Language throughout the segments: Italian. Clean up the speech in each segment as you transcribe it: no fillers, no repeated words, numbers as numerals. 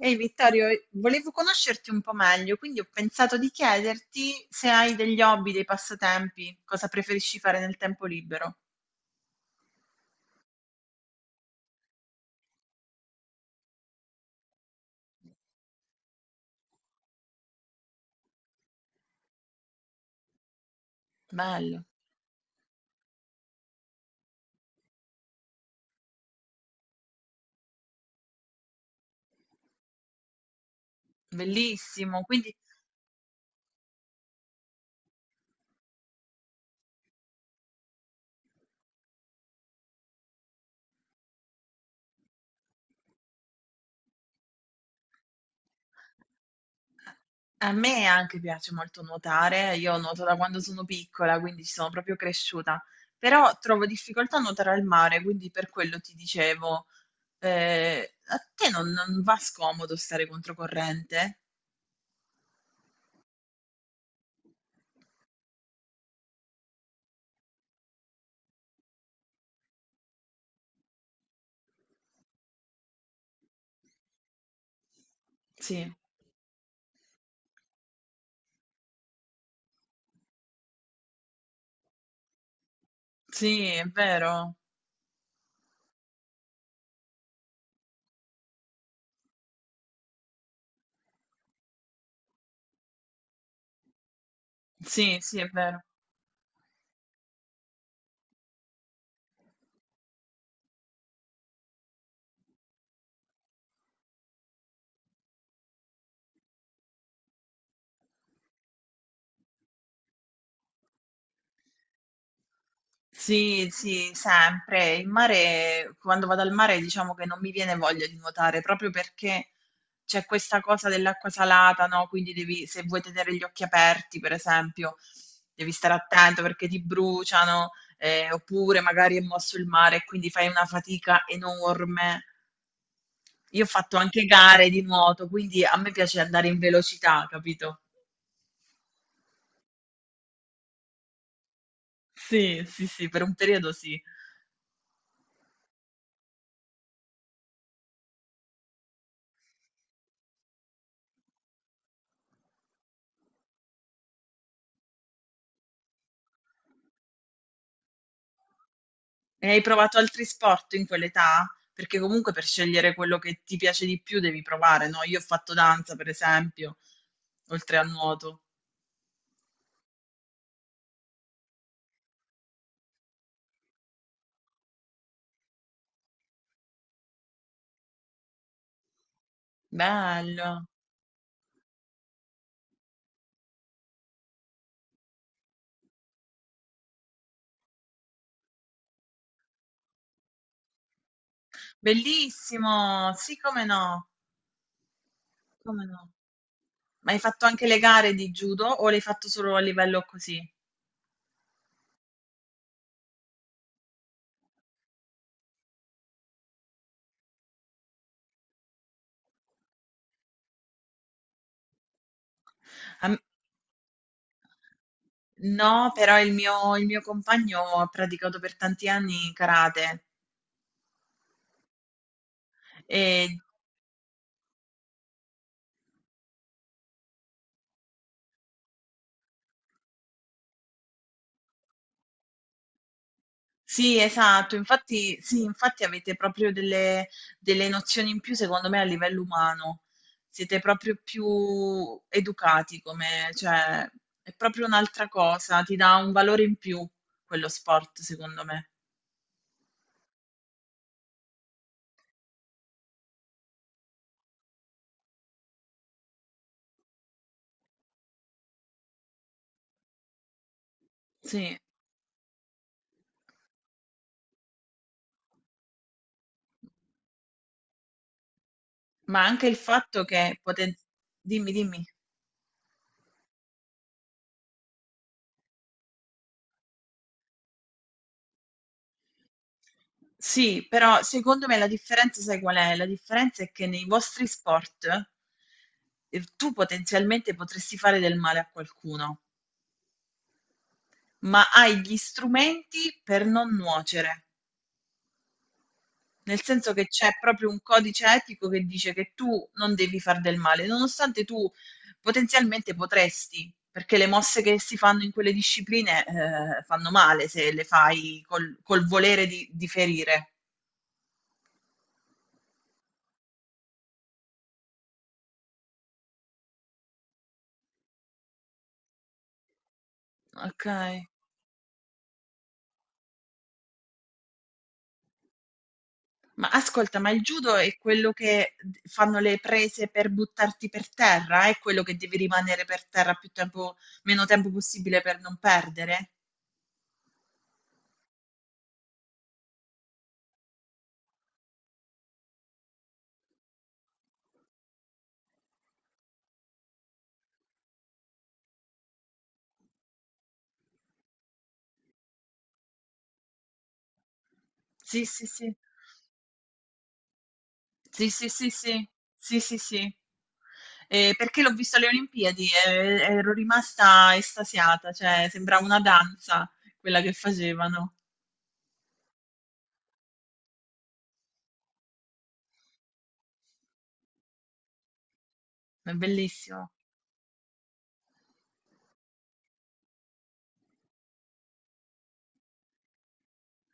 Ehi Vittorio, volevo conoscerti un po' meglio, quindi ho pensato di chiederti se hai degli hobby, dei passatempi, cosa preferisci fare nel tempo libero. Bello, bellissimo. Quindi a me anche piace molto nuotare, io nuoto da quando sono piccola, quindi ci sono proprio cresciuta, però trovo difficoltà a nuotare al mare, quindi per quello ti dicevo, a te non va scomodo stare controcorrente? Sì, sì, è vero. Sì, sì, è vero. Sì, sì, sempre. Il mare, quando vado al mare, diciamo che non mi viene voglia di nuotare, proprio perché c'è questa cosa dell'acqua salata, no? Quindi devi, se vuoi tenere gli occhi aperti, per esempio, devi stare attento perché ti bruciano, oppure magari è mosso il mare e quindi fai una fatica enorme. Io ho fatto anche gare di nuoto, quindi a me piace andare in velocità, capito? Sì, sì, sì, per un periodo sì. E hai provato altri sport in quell'età? Perché comunque per scegliere quello che ti piace di più devi provare, no? Io ho fatto danza, per esempio, oltre al nuoto. Bello, bellissimo, sì, come no, come no. Ma hai fatto anche le gare di judo o l'hai fatto solo a livello così? A m- No, però il mio compagno ha praticato per tanti anni karate. E sì, esatto. Infatti sì, infatti avete proprio delle delle nozioni in più, secondo me, a livello umano. Siete proprio più educati, come, cioè, è proprio un'altra cosa, ti dà un valore in più quello sport, secondo me. Sì, ma anche il fatto che poten... dimmi, dimmi. Sì, però secondo me la differenza, sai qual è? La differenza è che nei vostri sport tu potenzialmente potresti fare del male a qualcuno. Ma hai gli strumenti per non nuocere. Nel senso che c'è proprio un codice etico che dice che tu non devi far del male, nonostante tu potenzialmente potresti, perché le mosse che si fanno in quelle discipline, fanno male se le fai col volere di ferire. Ok. Ma ascolta, ma il judo è quello che fanno le prese per buttarti per terra? È quello che devi rimanere per terra più tempo, meno tempo possibile per non perdere? Sì, sì, sì. Sì, sì, sì, sì. Sì, sì, sì. Perché l'ho visto alle Olimpiadi e ero rimasta estasiata, cioè sembrava una danza quella che facevano. È bellissimo,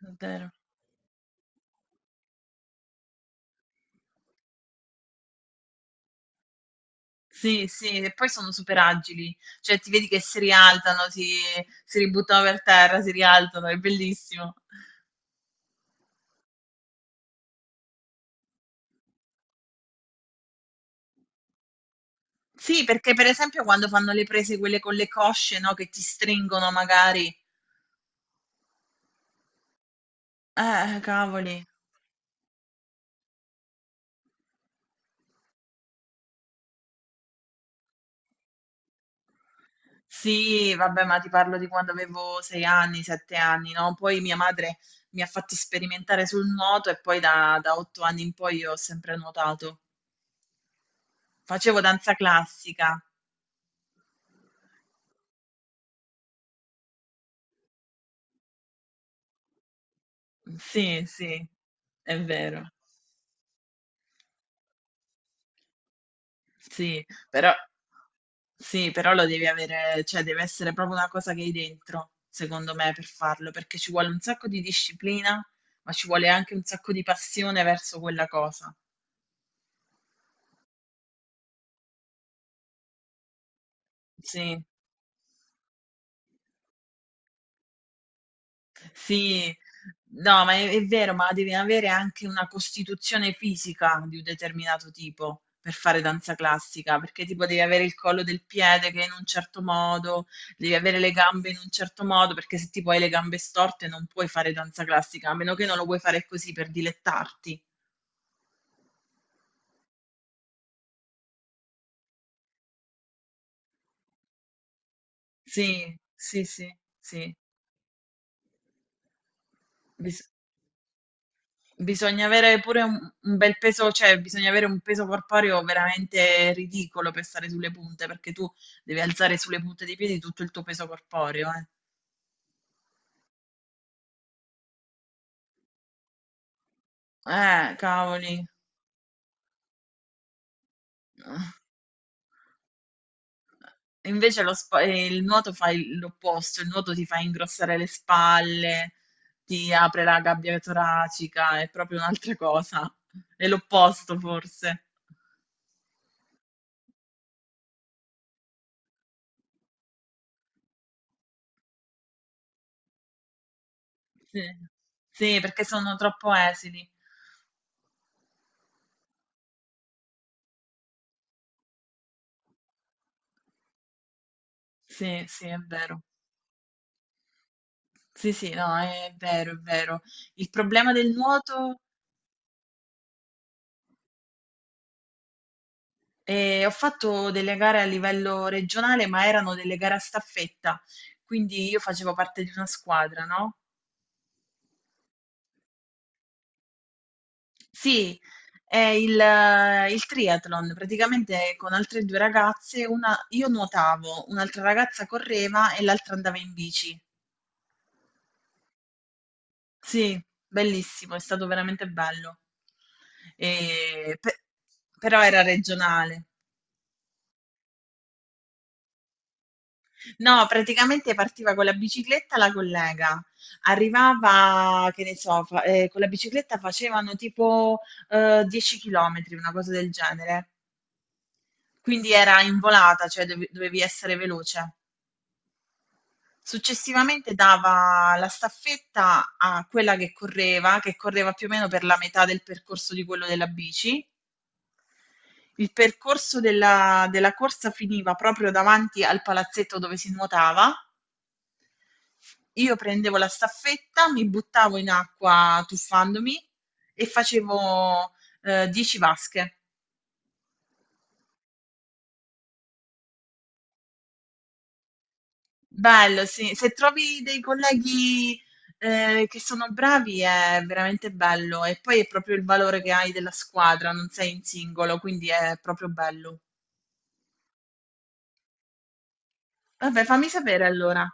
è vero. Sì, sì, e poi sono super agili, cioè ti vedi che si rialzano, si ributtano per terra, si rialzano, è bellissimo. Sì, perché per esempio quando fanno le prese quelle con le cosce, no, che ti stringono magari. Cavoli. Sì, vabbè, ma ti parlo di quando avevo sei anni, sette anni, no? Poi mia madre mi ha fatto sperimentare sul nuoto e poi da otto anni in poi io ho sempre nuotato. Facevo danza classica. Sì, sì, è vero. Sì, però, sì, però lo devi avere, cioè deve essere proprio una cosa che hai dentro, secondo me, per farlo, perché ci vuole un sacco di disciplina, ma ci vuole anche un sacco di passione verso quella cosa. Sì, sì, no, ma è vero, ma devi avere anche una costituzione fisica di un determinato tipo per fare danza classica, perché tipo devi avere il collo del piede che è in un certo modo, devi avere le gambe in un certo modo, perché se tipo hai le gambe storte non puoi fare danza classica, a meno che non lo vuoi fare così per dilettarti. Sì, sì, sì, sì. Bis- Bisogna avere pure un bel peso, cioè bisogna avere un peso corporeo veramente ridicolo per stare sulle punte, perché tu devi alzare sulle punte dei piedi tutto il tuo peso corporeo, eh. Cavoli. Invece il nuoto fa l'opposto, il nuoto ti fa ingrossare le spalle, ti apre la gabbia toracica, è proprio un'altra cosa. È l'opposto forse. Sì. Sì, perché sono troppo esili. Sì, sì, è vero. Sì, sì, no, è vero, è vero. Il problema del nuoto, ho fatto delle gare a livello regionale, ma erano delle gare a staffetta, quindi io facevo parte di una squadra, no? Sì, è il triathlon, praticamente con altre due ragazze, una, io nuotavo, un'altra ragazza correva e l'altra andava in bici. Sì, bellissimo, è stato veramente bello. E pe- Però era regionale. No, praticamente partiva con la bicicletta la collega. Arrivava, che ne so, con la bicicletta facevano tipo 10 km, una cosa del genere. Quindi era in volata, cioè dovevi essere veloce. Successivamente dava la staffetta a quella che correva più o meno per la metà del percorso di quello della bici. Il percorso della corsa finiva proprio davanti al palazzetto dove si nuotava. Io prendevo la staffetta, mi buttavo in acqua tuffandomi e facevo 10 vasche. Bello, sì. Se trovi dei colleghi che sono bravi è veramente bello e poi è proprio il valore che hai della squadra, non sei in singolo, quindi è proprio bello. Vabbè, fammi sapere allora.